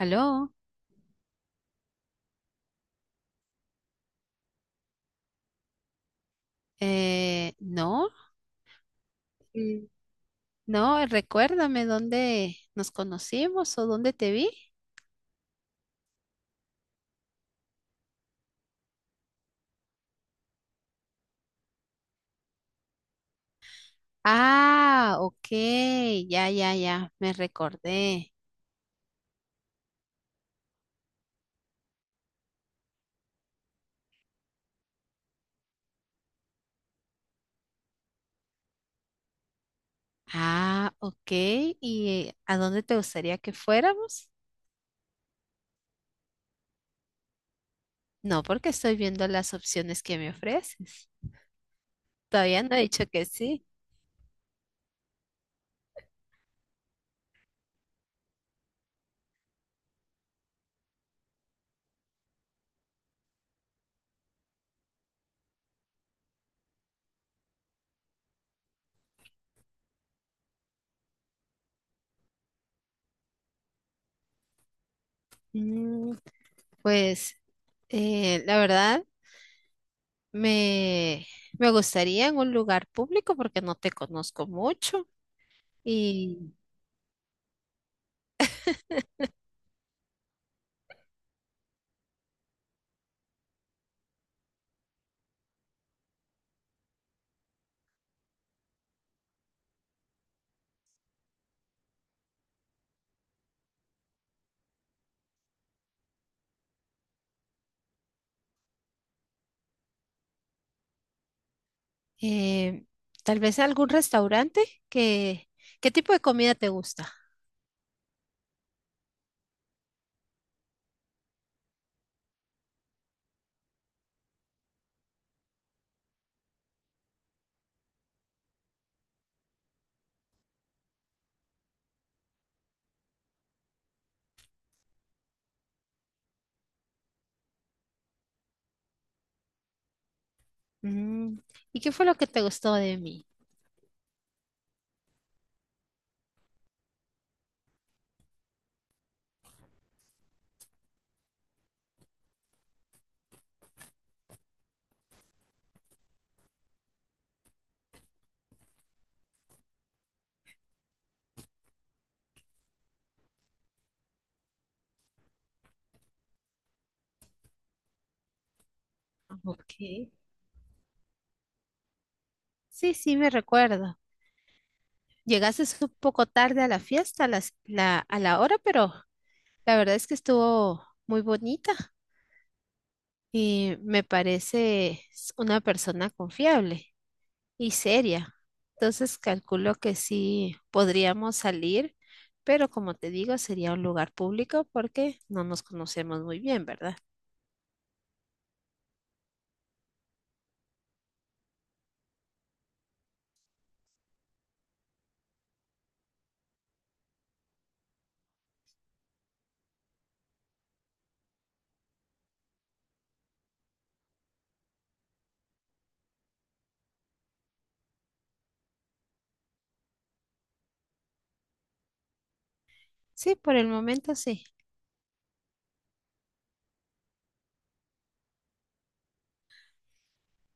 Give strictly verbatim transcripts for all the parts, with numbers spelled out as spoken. ¿Aló? Eh, no. Mm. No, recuérdame dónde nos conocimos o dónde te vi. Ah, ok, ya, ya, ya, me recordé. Ah, ok, ¿y a dónde te gustaría que fuéramos? No, porque estoy viendo las opciones que me ofreces. Todavía no he dicho que sí. Mm, pues, eh, la verdad, me, me gustaría en un lugar público porque no te conozco mucho. Y Eh, tal vez algún restaurante qué ¿qué tipo de comida te gusta? Mm, ¿y qué fue lo que te gustó de mí? Ok. Sí, sí, me recuerdo. Llegaste un poco tarde a la fiesta, a las- la, a la hora, pero la verdad es que estuvo muy bonita y me parece una persona confiable y seria. Entonces calculo que sí podríamos salir, pero como te digo, sería un lugar público porque no nos conocemos muy bien, ¿verdad? Sí, por el momento sí.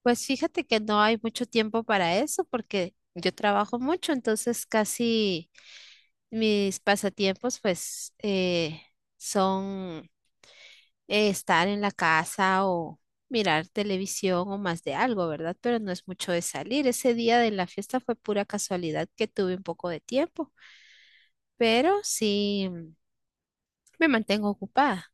Pues fíjate que no hay mucho tiempo para eso porque yo trabajo mucho, entonces casi mis pasatiempos pues eh, son, eh, estar en la casa o mirar televisión o más de algo, ¿verdad? Pero no es mucho de salir. Ese día de la fiesta fue pura casualidad que tuve un poco de tiempo, pero sí, mm, me mantengo ocupada.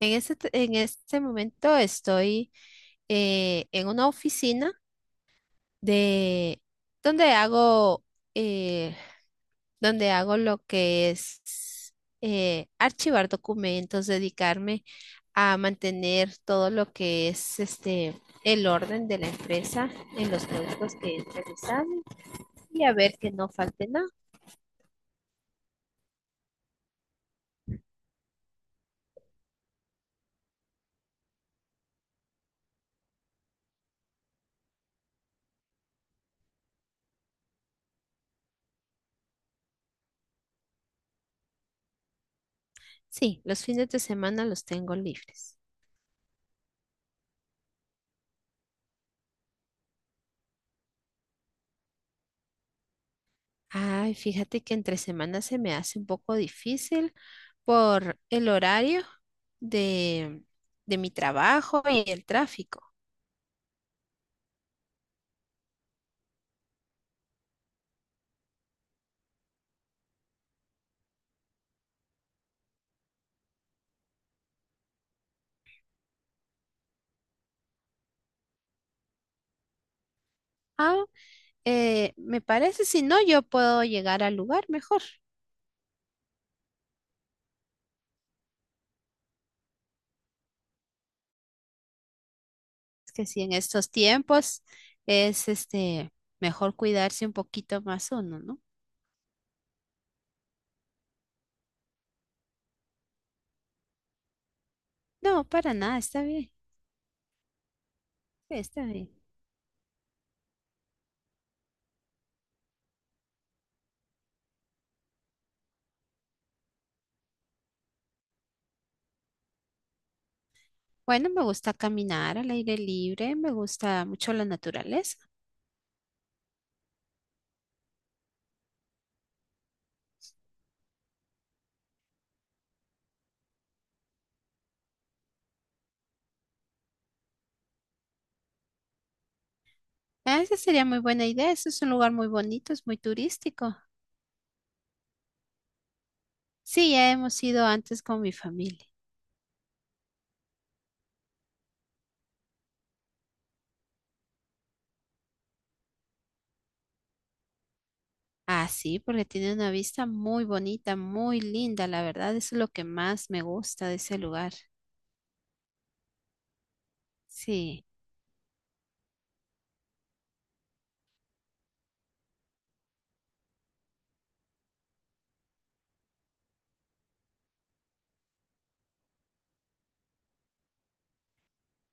En este, t- en este momento estoy, eh, en una oficina de donde hago, eh, donde hago lo que es, eh, archivar documentos, dedicarme a mantener todo lo que es este el orden de la empresa en los productos que realizamos y a ver que no falte nada. Sí, los fines de semana los tengo libres. Ay, fíjate que entre semanas se me hace un poco difícil por el horario de, de mi trabajo y el tráfico. Ah, eh, me parece, si no, yo puedo llegar al lugar mejor. Es que si en estos tiempos es este mejor cuidarse un poquito más uno, ¿no? No, para nada, está bien, está bien. Bueno, me gusta caminar al aire libre, me gusta mucho la naturaleza. Ah, esa sería muy buena idea. Ese es un lugar muy bonito, es muy turístico. Sí, ya hemos ido antes con mi familia. Ah, sí, porque tiene una vista muy bonita, muy linda, la verdad. Eso es lo que más me gusta de ese lugar. Sí,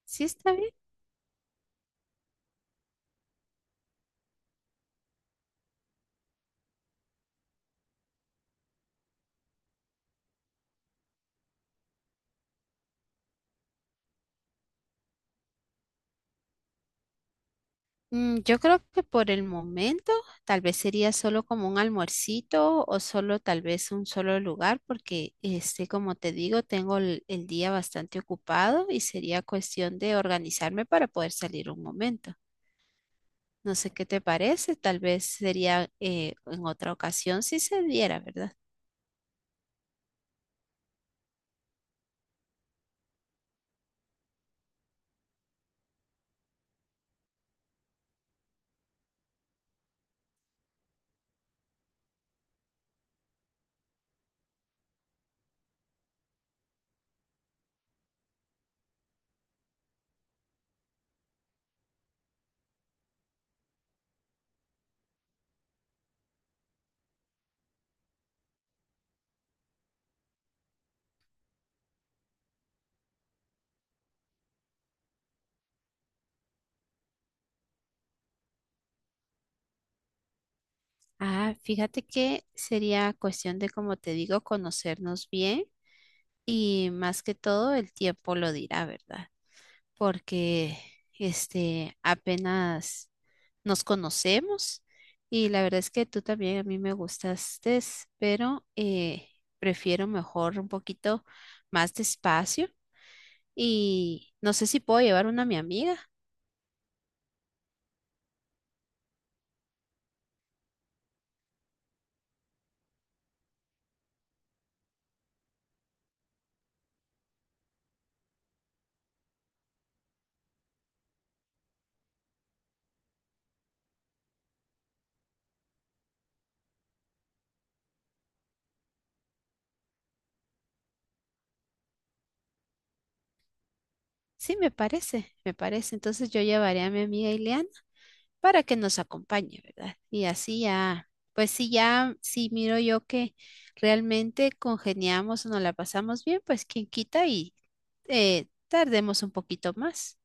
sí está bien. Mm, yo creo que por el momento tal vez sería solo como un almuercito o solo tal vez un solo lugar, porque este, como te digo, tengo el el día bastante ocupado y sería cuestión de organizarme para poder salir un momento. No sé qué te parece, tal vez sería, eh, en otra ocasión si se diera, ¿verdad? Ah, fíjate que sería cuestión de, como te digo, conocernos bien y más que todo el tiempo lo dirá, ¿verdad? Porque este apenas nos conocemos y la verdad es que tú también a mí me gustaste, pero eh, prefiero mejor un poquito más despacio y no sé si puedo llevar una a mi amiga. Sí, me parece, me parece. Entonces yo llevaré a mi amiga Ileana para que nos acompañe, ¿verdad? Y así ya, pues sí, ya, si miro yo que realmente congeniamos o nos la pasamos bien, pues quien quita y, eh, tardemos un poquito más.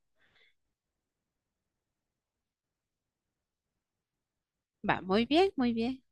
Va, muy bien, muy bien.